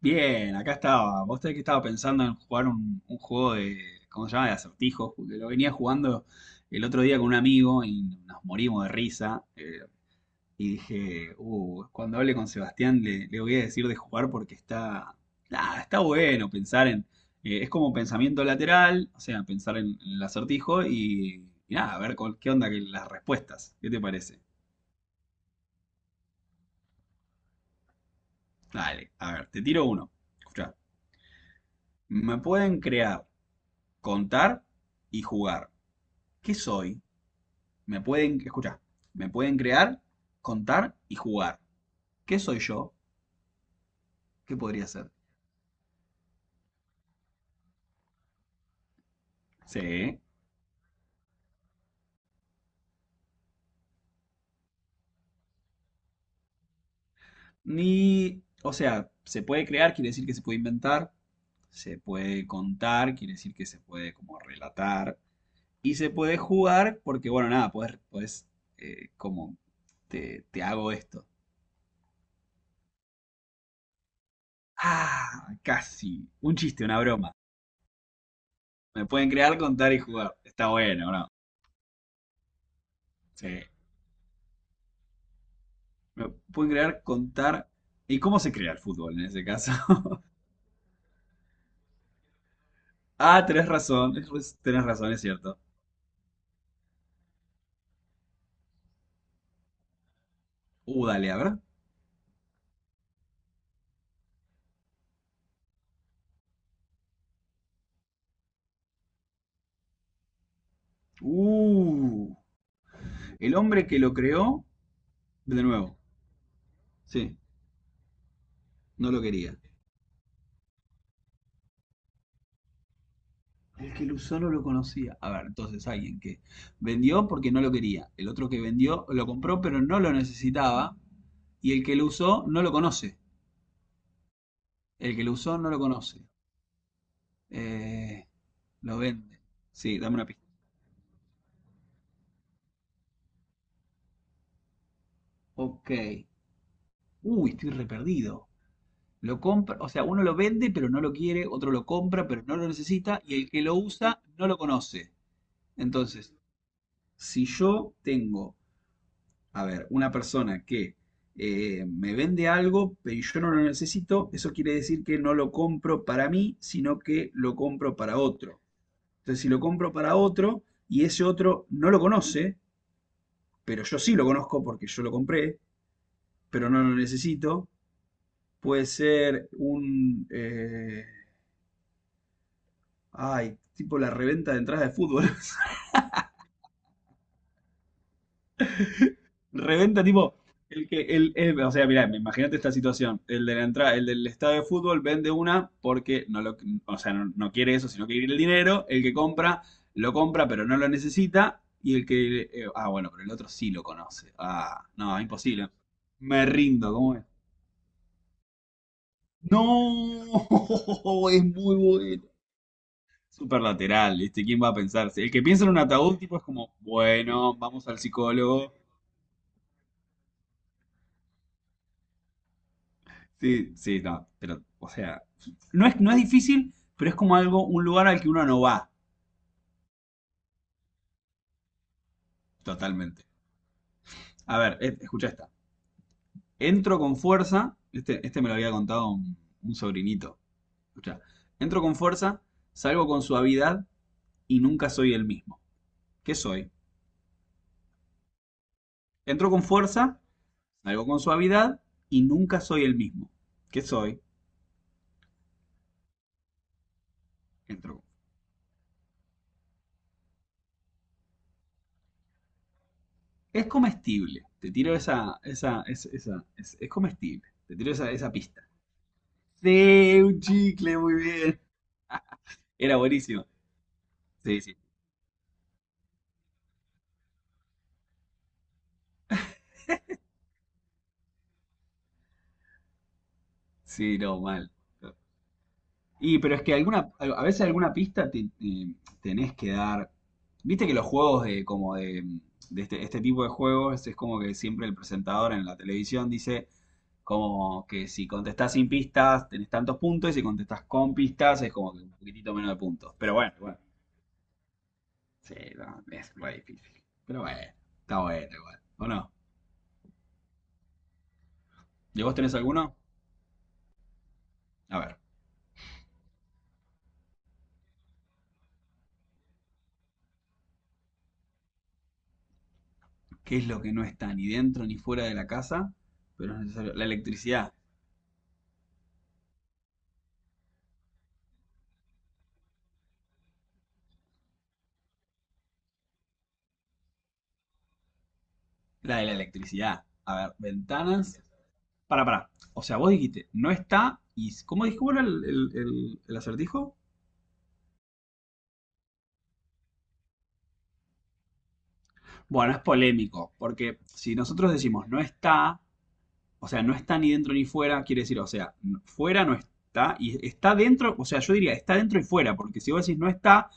Bien, acá estaba. Vos sabés que estaba pensando en jugar un juego de, ¿cómo se llama? De acertijos, porque lo venía jugando el otro día con un amigo y nos morimos de risa. Y dije, cuando hable con Sebastián le voy a decir de jugar porque está, nada, está bueno pensar en, es como pensamiento lateral, o sea, pensar en el acertijo y nada, a ver con, qué onda que las respuestas. ¿Qué te parece? Dale, a ver, te tiro uno. Escuchá, me pueden crear, contar y jugar. ¿Qué soy? Me pueden, escuchá, me pueden crear, contar y jugar. ¿Qué soy yo? ¿Qué podría ser? Sí. Ni, o sea, se puede crear, quiere decir que se puede inventar. Se puede contar, quiere decir que se puede como relatar. Y se puede jugar porque, bueno, nada, puedes como, te hago esto. Ah, casi. Un chiste, una broma. Me pueden crear, contar y jugar. Está bueno, ¿no? Sí. Pueden crear, contar. ¿Y cómo se crea el fútbol en ese caso? Ah, tenés razón, tenés razón, es cierto. Dale, a ver. Uh, el hombre que lo creó, de nuevo, sí, no lo quería. El que lo usó no lo conocía. A ver, entonces alguien que vendió porque no lo quería. El otro que vendió lo compró pero no lo necesitaba. Y el que lo usó no lo conoce. El que lo usó no lo conoce. Eh, lo vende. Sí, dame una pista. Ok. Uy, estoy re perdido. Lo compra, o sea, uno lo vende pero no lo quiere, otro lo compra pero no lo necesita y el que lo usa no lo conoce. Entonces, si yo tengo, a ver, una persona que me vende algo pero yo no lo necesito, eso quiere decir que no lo compro para mí, sino que lo compro para otro. Entonces, si lo compro para otro y ese otro no lo conoce, pero yo sí lo conozco porque yo lo compré, pero no lo necesito, puede ser un... Ay, tipo la reventa de entradas de fútbol. Reventa tipo el que o sea, mirá, imagínate esta situación. El de la entrada, el del estadio de fútbol vende una porque no lo, o sea, no quiere eso, sino que quiere el dinero. El que compra lo compra, pero no lo necesita y el que bueno, pero el otro sí lo conoce. Ah, no, imposible. Me rindo, ¿cómo es? No, es muy bueno. Súper lateral, ¿viste? ¿Quién va a pensar? Si el que piensa en un ataúd, tipo, es como, bueno, vamos al psicólogo. Sí, sí, no, pero, o sea, no es, no es difícil, pero es como algo, un lugar al que uno no va totalmente. A ver, escucha esta. Entro con fuerza, este me lo había contado un sobrinito. Escucha, entro con fuerza, salgo con suavidad y nunca soy el mismo. ¿Qué soy? Entro con fuerza, salgo con suavidad y nunca soy el mismo. ¿Qué soy? Entro. Es comestible. Te tiro esa, es comestible. Te tiro esa pista. Sí, un chicle, muy bien. Era buenísimo. Sí, sí, sí, no, mal. Y pero es que alguna, a veces alguna pista tenés que dar. Viste que los juegos de como de, este, este tipo de juegos es como que siempre el presentador en la televisión dice como que si contestás sin pistas tenés tantos puntos y si contestás con pistas es como que un poquitito menos de puntos. Pero bueno, bueno. Sí, no, es re difícil. Pero bueno, está bueno igual. ¿O no? ¿Y vos tenés alguno? A ver. ¿Qué es lo que no está ni dentro ni fuera de la casa, pero es necesario? La electricidad, la de la electricidad. A ver, ventanas. Para, para. O sea, vos dijiste, no está y... ¿Cómo dijo bueno, el acertijo? Bueno, es polémico, porque si nosotros decimos no está, o sea, no está ni dentro ni fuera, quiere decir, o sea, fuera no está y está dentro, o sea, yo diría está dentro y fuera, porque si vos decís no está,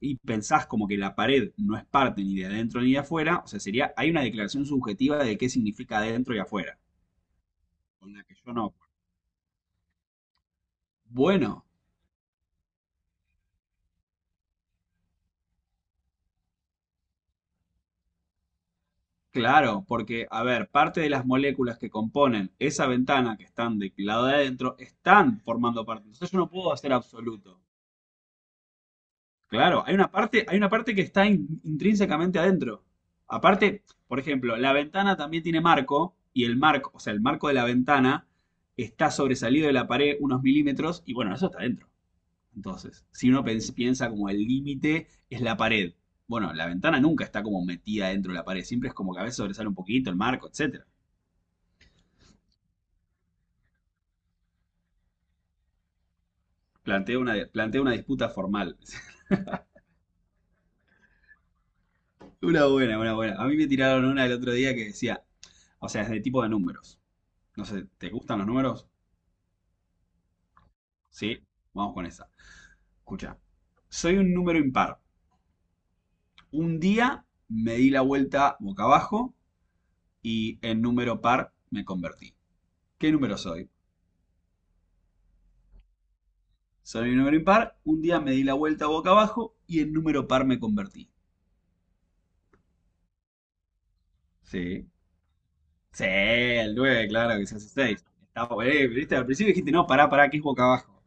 y pensás como que la pared no es parte ni de adentro ni de afuera, o sea, sería, hay una declaración subjetiva de qué significa adentro y afuera, con la que yo no. Bueno, claro, porque, a ver, parte de las moléculas que componen esa ventana que están del lado de adentro están formando parte, entonces yo no puedo hacer absoluto. Claro, hay una parte que está intrínsecamente adentro. Aparte, por ejemplo, la ventana también tiene marco y el marco, o sea, el marco de la ventana está sobresalido de la pared unos milímetros y bueno, eso está adentro. Entonces, si uno piensa como el límite es la pared, bueno, la ventana nunca está como metida dentro de la pared, siempre es como que a veces sobresale un poquito el marco, etcétera. Plantea una disputa formal. Una buena, una buena. A mí me tiraron una el otro día que decía, o sea, es de tipo de números. No sé, ¿te gustan los números? Sí, vamos con esa. Escucha, soy un número impar. Un día me di la vuelta boca abajo y en número par me convertí. ¿Qué número soy? Soy un número impar, un día me di la vuelta boca abajo y en número par me convertí. Sí. Sí, el 9, claro, que se hace 6. Está, viste, al principio dijiste, no, pará, pará, que es boca abajo.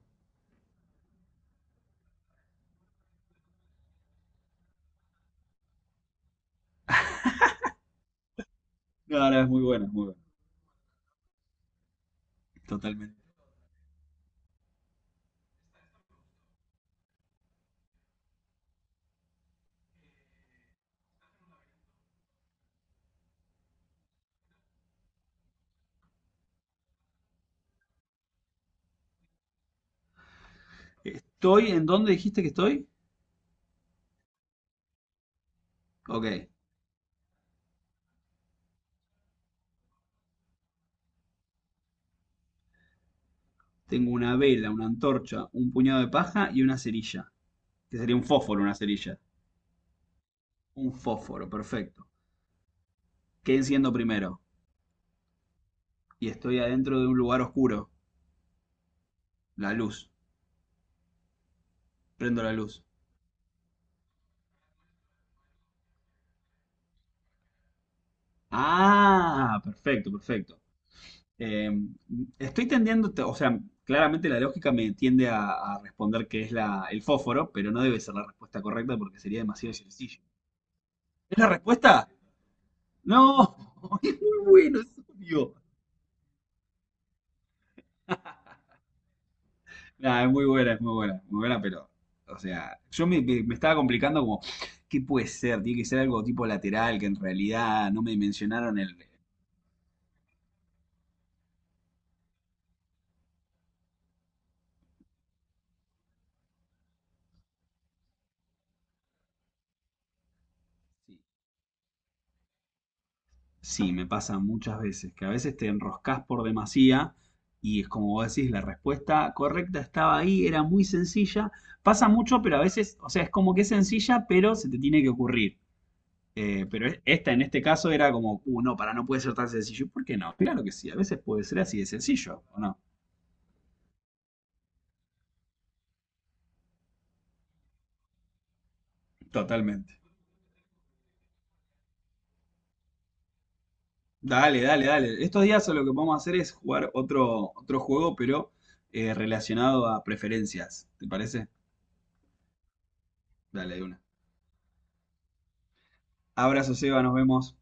No, no, es muy bueno, totalmente. ¿Estoy en dónde dijiste que estoy? Ok, tengo una vela, una antorcha, un puñado de paja y una cerilla, que sería un fósforo, una cerilla. Un fósforo, perfecto. ¿Qué enciendo primero? Y estoy adentro de un lugar oscuro, la luz. Prendo la luz. Ah, perfecto, perfecto. Eh, estoy tendiendo, o sea, claramente la lógica me tiende a responder que es la, el fósforo, pero no debe ser la respuesta correcta porque sería demasiado sencillo. ¿Es la respuesta? No, es muy bueno, es obvio. Nah, es muy buena, pero, o sea, yo me, me estaba complicando como, ¿qué puede ser? Tiene que ser algo tipo lateral, que en realidad no me mencionaron el... sí, sí, me pasa muchas veces, que a veces te enroscas por demasía y es como vos decís, la respuesta correcta estaba ahí, era muy sencilla. Pasa mucho, pero a veces, o sea, es como que es sencilla, pero se te tiene que ocurrir. Pero esta en este caso era como, no, para, no puede ser tan sencillo. ¿Por qué no? Claro que sí, a veces puede ser así de sencillo, ¿o no? Totalmente. Dale, dale, dale. Estos días lo que vamos a hacer es jugar otro juego, pero relacionado a preferencias. ¿Te parece? Dale, de una. Abrazo, Seba, nos vemos.